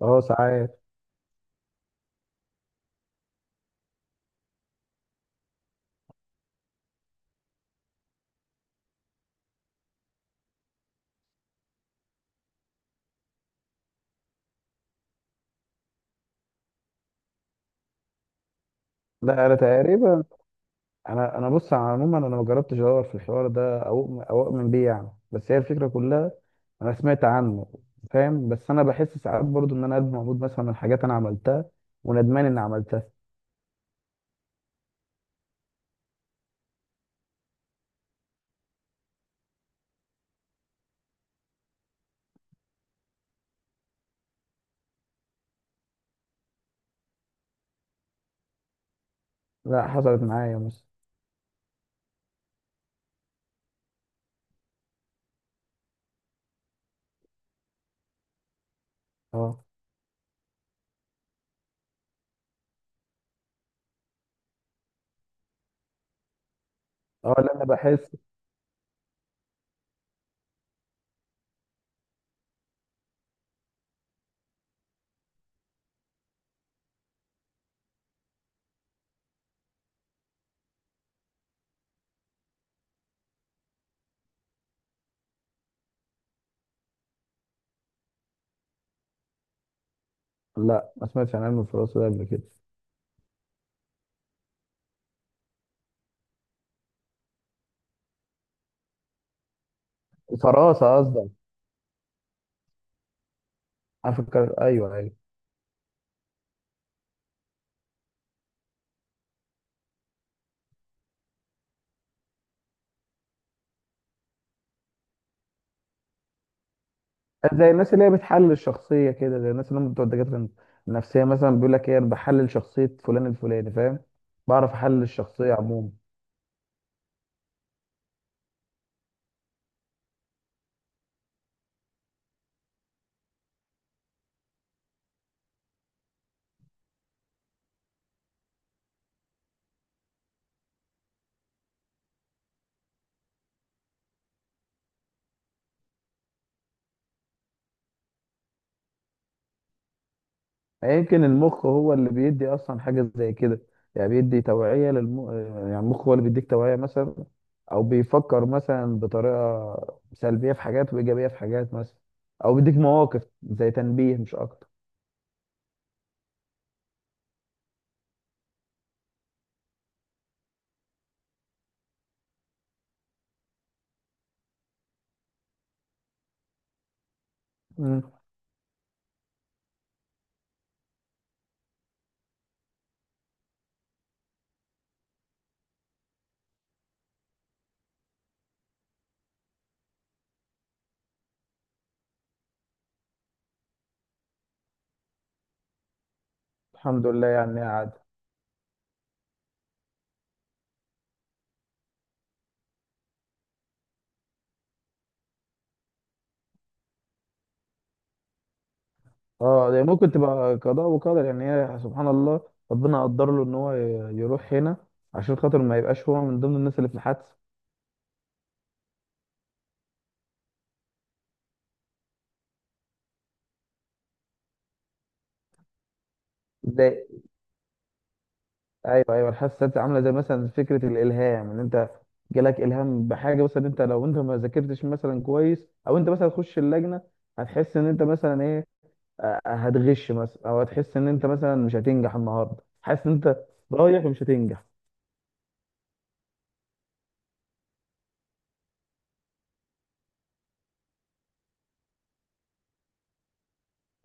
اه ساعات. لا، انا تقريبا. انا بص على عموما، انا ما جربتش ادور في الحوار ده او اؤمن بيه يعني، بس هي الفكره كلها. انا سمعت عنه. فاهم. بس انا بحس ساعات برضو ان انا قلبي موجود مثلا من حاجات انا عملتها، وندمان اني عملتها. لا، حصلت معايا مثلا. اه، اه، لا، انا بحس. لا، ما سمعتش عن علم الفراسه ده قبل كده. الفراسه قصدك؟ افكر، ايوه، ايوه. زي الناس اللي هي بتحلل الشخصية كده، زي الناس اللي هم بتوع الدكاترة النفسية مثلا. بيقول لك ايه، انا بحلل شخصية فلان الفلاني، فاهم. بعرف احلل الشخصية عموما. يعني يمكن المخ هو اللي بيدي اصلا حاجة زي كده. يعني بيدي توعية يعني المخ هو اللي بيديك توعية مثلا، او بيفكر مثلا بطريقة سلبية في حاجات وايجابية في حاجات مثلا، او بيديك مواقف زي تنبيه مش اكتر. مم. الحمد لله يعني. اه، ده ممكن تبقى قضاء وقدر يعني، هي سبحان الله. ربنا قدر له ان هو يروح هنا عشان خاطر ما يبقاش هو من ضمن الناس اللي في الحادثه ده. ايوه، ايوه، الحادثه دي عامله زي مثلا فكره الالهام، ان انت جالك الهام بحاجه مثلا. انت لو انت ما ذاكرتش مثلا كويس، او انت مثلا تخش اللجنه، هتحس ان انت مثلا ايه، هتغش مثلا. او هتحس ان انت مثلا مش هتنجح النهارده، حاسس ان انت رايح ومش هتنجح.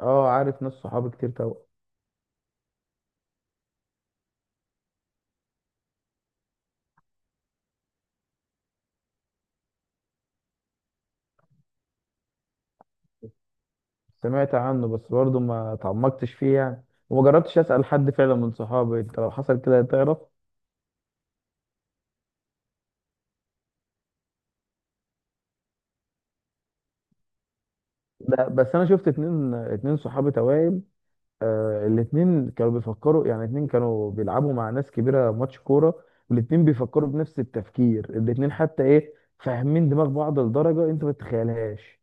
اه، عارف ناس صحابي كتير طبعا. سمعت عنه بس برضه ما تعمقتش فيه يعني. وما جربتش اسال حد فعلا من صحابي. انت لو حصل كده تعرف؟ لا، بس انا شفت اتنين صحابي توائم. آه، الاتنين كانوا بيفكروا يعني. اتنين كانوا بيلعبوا مع ناس كبيره ماتش كوره، والاتنين بيفكروا بنفس التفكير. الاتنين حتى ايه، فاهمين دماغ بعض لدرجه انت ما تتخيلهاش.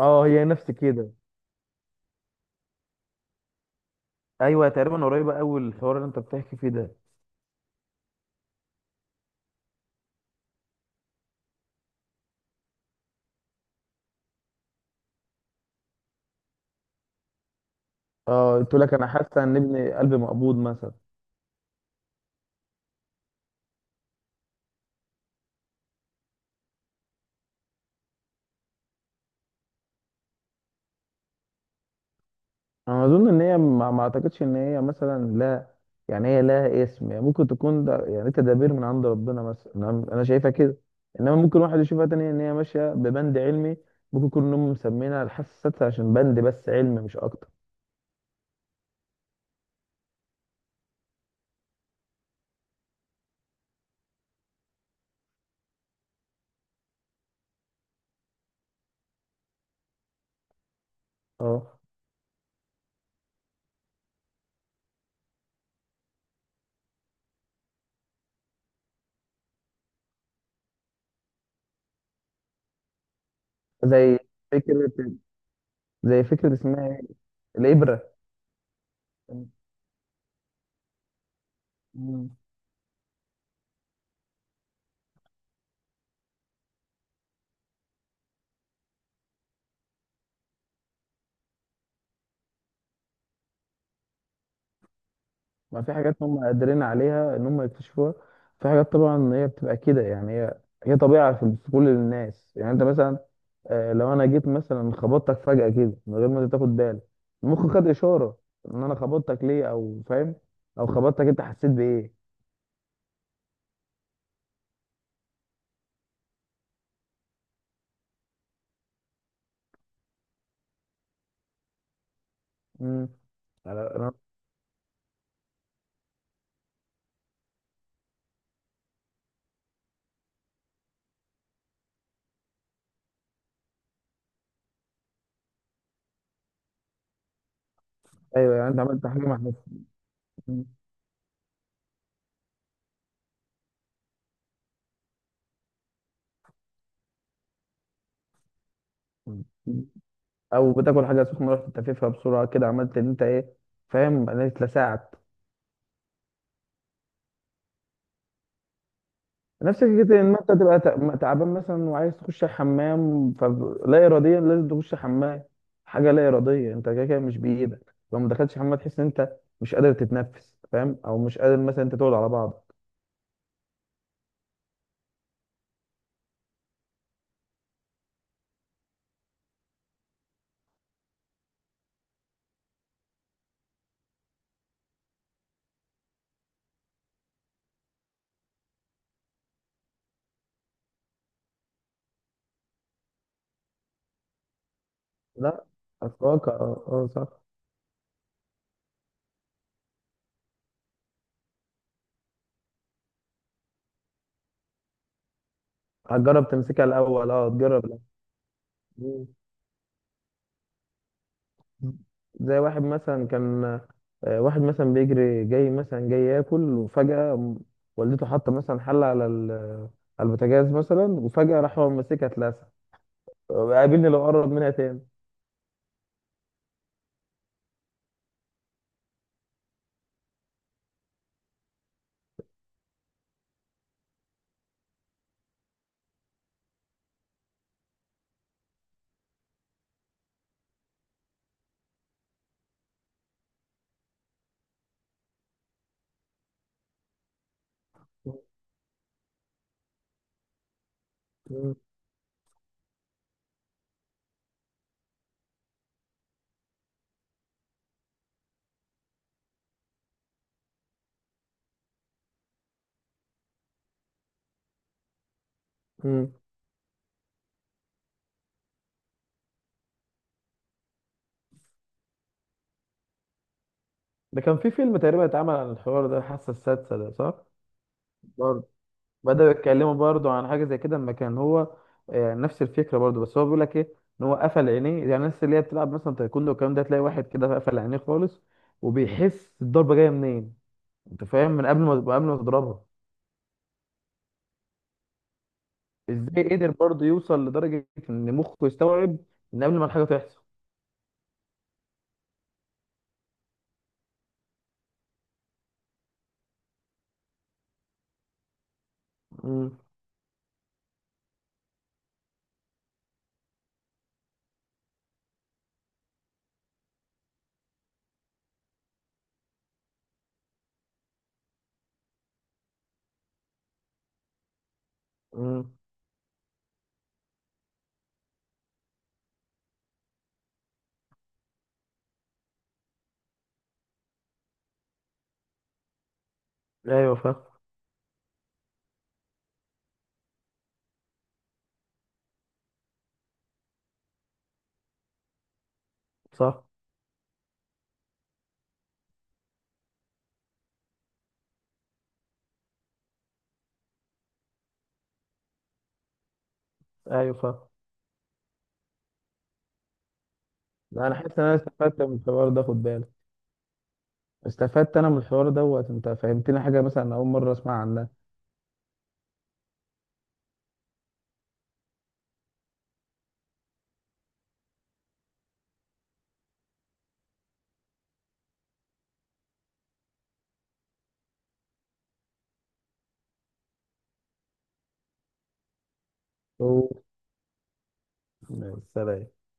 اه، هي نفس كده. ايوه تقريبا، قريبه قوي الحوار اللي انت بتحكي فيه ده. اه، قلت لك انا حاسه ان ابني قلبي مقبوض مثلا. انا اظن ان هي ما اعتقدش ان هي مثلا لا. يعني هي لها اسم يعني، ممكن تكون ده يعني تدابير من عند ربنا مثلا. انا شايفها كده. انما ممكن واحد يشوفها تاني ان هي ماشيه ببند علمي. ممكن يكون هم مسمينها الحاسه السادسه عشان بند بس علمي مش اكتر. اه، زي فكره زي فكره اسمها ايه؟ الابره. مم. ما في حاجات هم قادرين عليها ان هم يكتشفوها. في حاجات طبعا هي بتبقى كده يعني. هي طبيعة في كل الناس يعني. انت مثلا، آه، لو انا جيت مثلا خبطتك فجأة كده من غير ما أنت تاخد بالك، المخ خد اشارة ان انا خبطتك ليه، او فاهم، او خبطتك انت حسيت بايه؟ مم. أنا- أنا- ايوه، يعني انت عملت حاجة ما. حسيت- او بتاكل حاجه سخنه، رحت تفيفها بسرعه كده، عملت ان انت ايه، فاهم، انا اتلسعت. نفس فكرة إن أنت تبقى تعبان مثلا، وعايز تخش الحمام، فلا إراديا لازم تخش حمام. حاجة لا إرادية. أنت كده كده مش بإيدك. لو ما دخلتش حمام تحس إن أنت مش قادر تتنفس، فاهم، أو مش قادر مثلا أنت تقعد على بعضك. لا، أتوقع أه، صح. هتجرب تمسكها الأول، أه، تجرب الأول. مم. زي واحد مثلا كان، واحد مثلا بيجري جاي مثلا، جاي ياكل وفجأة والدته حاطة مثلا حلة على على البوتاجاز مثلا، وفجأة راح هو ماسكها اتلسع. قابلني لو قرب منها تاني. مم. مم. ده كان في فيلم تقريبا اتعمل عن الحوار ده، الحاسة السادسة ده، صح؟ برضه بدأوا يتكلموا برضه عن حاجة زي كده لما كان هو، نفس الفكرة برضه. بس هو بيقول لك ايه، ان هو قفل عينيه. يعني الناس اللي هي بتلعب مثلا تايكوندو والكلام ده، تلاقي واحد كده قفل عينيه خالص، وبيحس الضربة جاية منين. انت فاهم، من قبل ما تضربها. ازاي قدر برضه يوصل لدرجة ان مخه يستوعب ان قبل ما الحاجة تحصل. مم. مم. ايوه فاهم. صح. ايوه فاهم. لا، انا حاسس ان انا استفدت من الحوار ده، خد بالك. استفدت انا من الحوار دوت. انت فهمتني حاجه مثلا اول مره اسمع عنها. أوه. سلام.